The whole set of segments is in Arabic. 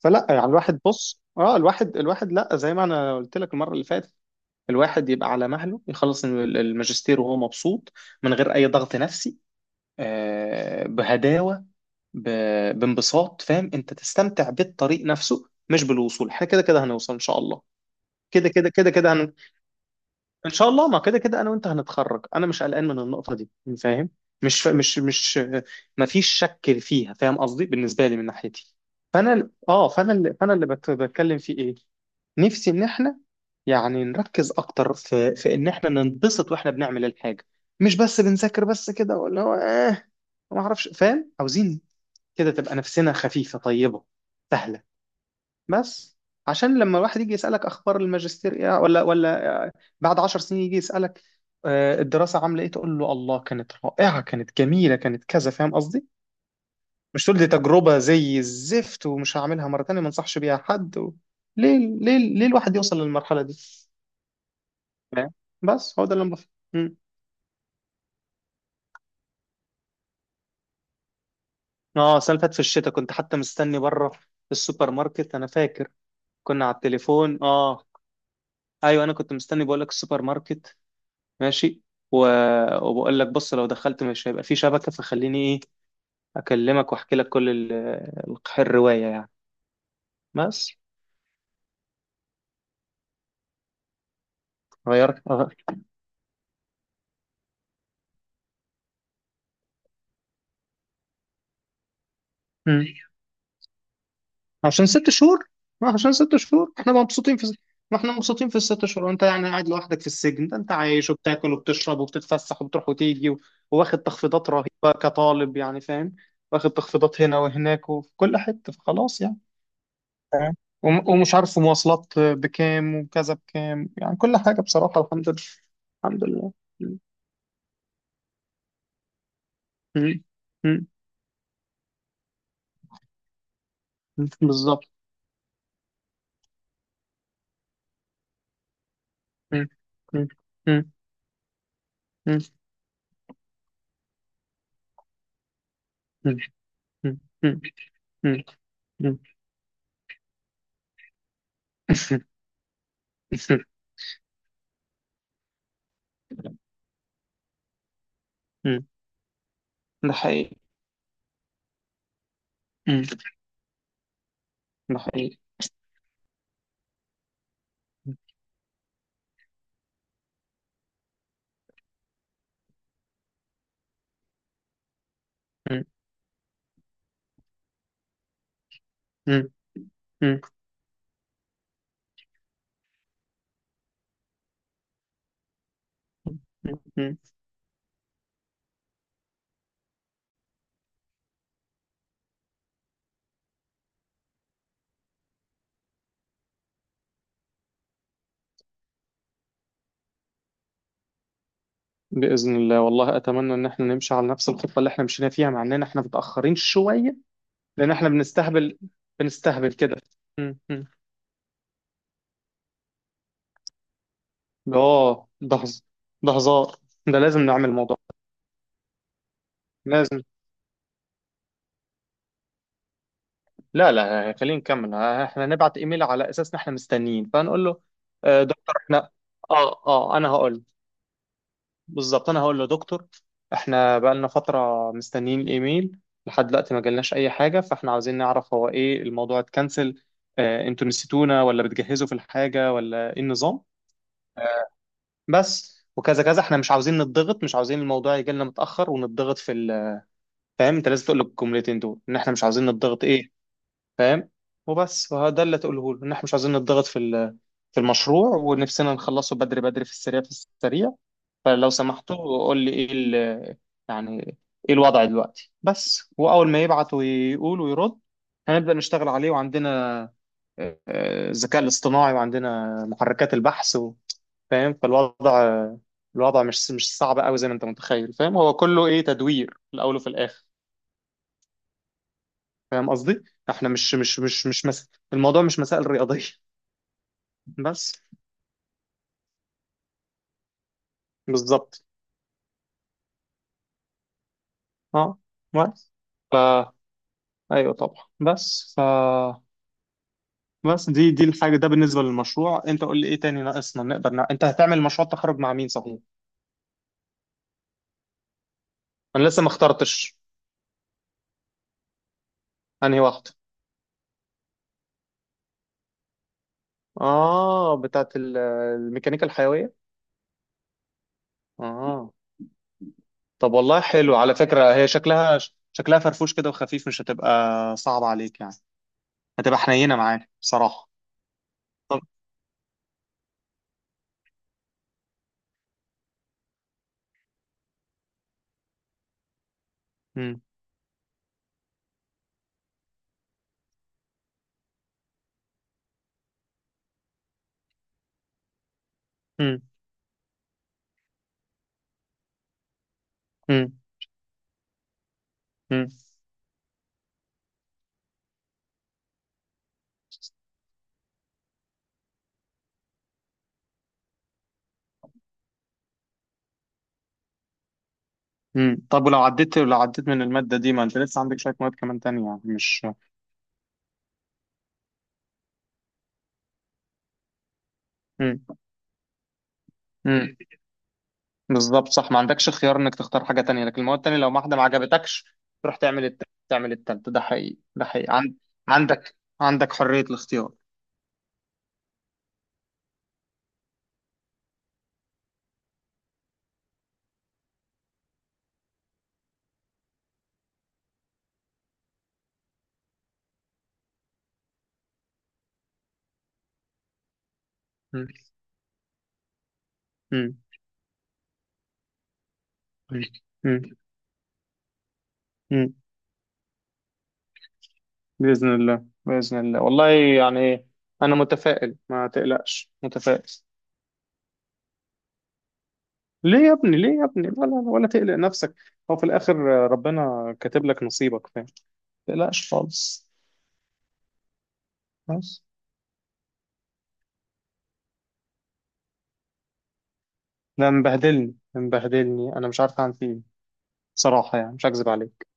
فلا يعني الواحد بص الواحد لا، زي ما انا قلت لك المره اللي فاتت. الواحد يبقى على مهله يخلص الماجستير وهو مبسوط، من غير اي ضغط نفسي، بهداوه، بانبساط. فاهم؟ انت تستمتع بالطريق نفسه مش بالوصول، احنا كده كده هنوصل ان شاء الله، كده كده كده كده، ان شاء الله. ما كده كده انا وانت هنتخرج، انا مش قلقان من النقطه دي، فاهم؟ مش ما فيش شك فيها، فاهم قصدي؟ بالنسبه لي من ناحيتي. فانا ال- اه فانا اللي فانا اللي بت- بتكلم فيه ايه؟ نفسي ان احنا يعني نركز اكتر في ان احنا ننبسط واحنا بنعمل الحاجه، مش بس بنذاكر بس كده، ولا هو ما اعرفش، فاهم؟ عاوزين كده تبقى نفسنا خفيفه طيبه سهله. بس، عشان لما الواحد يجي يسألك أخبار الماجستير إيه، ولا بعد 10 سنين يجي يسألك آه، الدراسة عاملة إيه، تقول له الله كانت رائعة كانت جميلة كانت كذا، فاهم قصدي؟ مش تقول دي تجربة زي الزفت ومش هعملها مرة تانية، ما انصحش بيها حد، و... ليه ليه ليه الواحد يوصل للمرحلة دي؟ فاهم؟ بس هو ده اللي أنا بفهم. مم. اه، السنة اللي فاتت في الشتاء كنت حتى مستني بره السوبر ماركت، أنا فاكر كنا على التليفون، اه. ايوه، انا كنت مستني، بقول لك السوبر ماركت، ماشي، و... وبقول لك بص لو دخلت مش هيبقى في شبكة، فخليني ايه، اكلمك واحكي لك كل الرواية يعني. بس غيرك أغير. مم. عشان ست شهور، ما عشان 6 شهور احنا مبسوطين في، ما احنا مبسوطين في ال6 شهور، وانت يعني قاعد لوحدك في السجن ده، انت عايش وبتاكل وبتشرب وبتتفسح وبتروح وتيجي، و... واخد تخفيضات رهيبة كطالب، يعني فاهم، واخد تخفيضات هنا وهناك وفي كل حتة، فخلاص يعني، فاهم. ومش عارف مواصلات بكام وكذا بكام، يعني كل حاجة بصراحة الحمد لله، الحمد لله. م-. م-. م-. م-. بالظبط. م-. م-. م-. م-. م-. م-. م-. م-. م-. م-. ده حقيقي. م-. ده حقيقي. م-. م-. م-. م-. بإذن الله والله، أتمنى إن احنا نمشي على نفس الخطة اللي احنا مشينا فيها، مع إننا احنا متأخرين شوية، لأن احنا بنستهبل، بنستهبل كده. اه، ده هزار، ده لازم نعمل الموضوع ده. لازم. لا لا، خلينا نكمل، احنا نبعت ايميل على اساس ان احنا مستنيين، فنقول له آه، دكتور، احنا اه انا هقول له. بالظبط، انا هقول له دكتور، احنا بقالنا فترة مستنيين ايميل، لحد دلوقتي ما جالناش اي حاجة، فاحنا عاوزين نعرف هو ايه، الموضوع اتكنسل آه، انتوا نسيتونا، ولا بتجهزوا في الحاجة، ولا ايه النظام آه، بس وكذا كذا احنا مش عاوزين نتضغط، مش عاوزين الموضوع يجي لنا متأخر ونتضغط في ال، فاهم؟ انت لازم تقول له الجملتين دول ان احنا مش عاوزين نتضغط ايه، فاهم، وبس، فده اللي تقوله له، ان احنا مش عاوزين نتضغط في في المشروع، ونفسنا نخلصه بدري بدري في السريع في السريع. فلو سمحتوا قول لي ايه يعني ايه الوضع دلوقتي، بس واول ما يبعت ويقول ويرد هنبدأ نشتغل عليه، وعندنا آه، آه، الذكاء الاصطناعي، وعندنا محركات البحث، فاهم، فالوضع، الوضع مش صعب قوي زي ما انت متخيل، فاهم؟ هو كله ايه، تدوير في الاول وفي الاخر، فاهم قصدي؟ احنا مش مش مش مش مس... الموضوع مش مسائل رياضية. بس. بالظبط. اه، بس ف، ايوه طبعا، بس ف، بس دي دي الحاجة ده بالنسبة للمشروع، انت قول لي ايه تاني ناقصنا نقدر انت هتعمل مشروع تخرج مع مين صحيح؟ انا لسه ما اخترتش، انهي واحدة؟ اه، بتاعت الميكانيكا الحيوية، اه. طب والله حلو على فكرة، هي شكلها شكلها فرفوش كده وخفيف، مش هتبقى صعبة عليك يعني، هتبقى حنينة معاك بصراحة. طب. مم. مم. مم. مم. مم. طب ولو عديت، لو عديت من المادة دي، ما انت لسه عندك شوية مواد كمان تانية يعني مش. مم. مم. بالظبط، صح، ما عندكش خيار انك تختار حاجة تانية، لكن المواد التانية لو واحدة ما عجبتكش تروح تعمل تعمل التالتة، ده حقيقي ده حقيقي عندك عندك حرية الاختيار. مم. مم. مم. مم. مم. بإذن الله، بإذن الله والله، يعني أنا متفائل، ما تقلقش، متفائل. ليه يا ابني، ليه يا ابني، ولا تقلق نفسك، هو في الآخر ربنا كاتب لك نصيبك، فاهم، تقلقش خالص. بس. ده مبهدلني مبهدلني، انا مش عارف اعمل فيه إيه. بصراحه يعني مش هكذب عليك،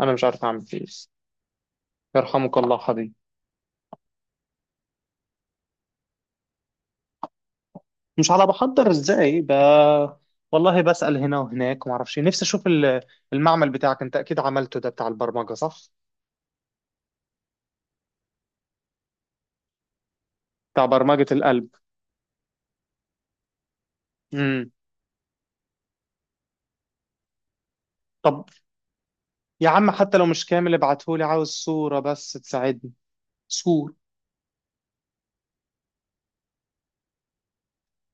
انا مش عارف اعمل فيه إيه. يرحمك الله حبيبي. مش على بحضر ازاي والله بسأل هنا وهناك، وما اعرفش إيه. نفسي اشوف المعمل بتاعك، انت اكيد عملته ده بتاع البرمجه صح؟ بتاع برمجه القلب. امم. طب يا عم، حتى لو مش كامل ابعتهولي، عاوز صوره بس تساعدني، صور.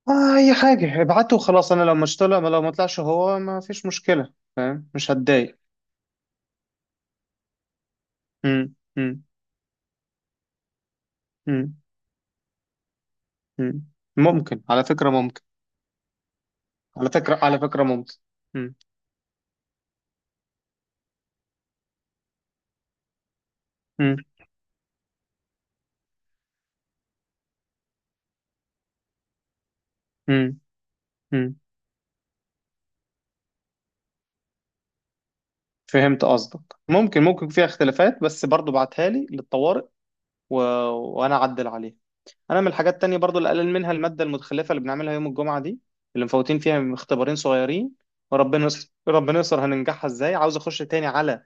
آه اي حاجه ابعته وخلاص، انا لو مش طلع، لو ما طلعش هو ما فيش مشكله، فاهم، مش هتضايق. امم. مم. مم. ممكن على فكرة، ممكن على فكرة على فكرة ممكن. مم. مم. مم. مم. فهمت قصدك. ممكن ممكن فيها اختلافات، بس برضو بعتها لي للطوارئ، و... وانا اعدل عليها. انا من الحاجات التانية برضو اللي قلل منها المادة المتخلفة اللي بنعملها يوم الجمعة دي، اللي مفوتين فيها اختبارين صغيرين، وربنا يستر، ربنا يستر، هننجحها ازاي؟ عاوز اخش تاني على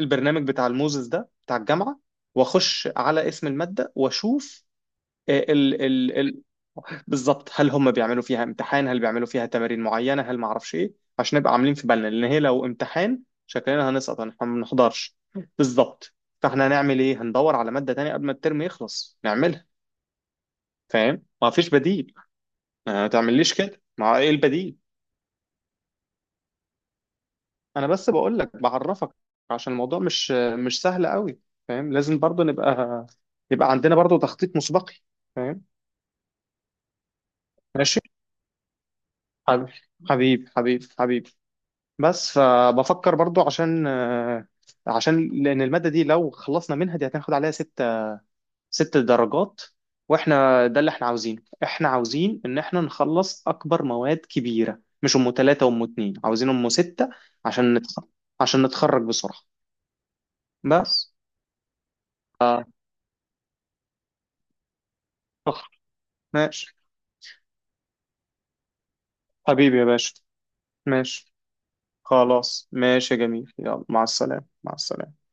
البرنامج بتاع الموزس ده بتاع الجامعة، واخش على اسم المادة واشوف ال ال ال بالظبط، هل هم بيعملوا فيها امتحان؟ هل بيعملوا فيها تمارين معينة؟ هل ما اعرفش ايه، عشان نبقى عاملين في بالنا، لان هي لو امتحان شكلنا هنسقط، ما بنحضرش. بالظبط. فاحنا هنعمل ايه؟ هندور على مادة تانية قبل ما الترم يخلص نعملها، فاهم، ما فيش بديل، ما تعمليش كده، ما ايه البديل؟ انا بس بقول لك بعرفك، عشان الموضوع مش سهل قوي، فاهم، لازم برضو نبقى، يبقى عندنا برضو تخطيط مسبقي، فاهم. ماشي حبيبي، حبيبي حبيبي حبيبي. بس فبفكر برضو عشان آه، عشان لان الماده دي لو خلصنا منها، دي هتاخد عليها ست، 6 درجات، واحنا ده اللي احنا عاوزينه، احنا عاوزين ان احنا نخلص اكبر مواد كبيره، مش M3 وام اتنين، عاوزين M6، عشان عشان نتخرج بسرعه. بس، آه، فخر، ماشي حبيبي يا باشا، ماشي خلاص، ماشي يا جميل، يلا مع السلامه، مع السلامه.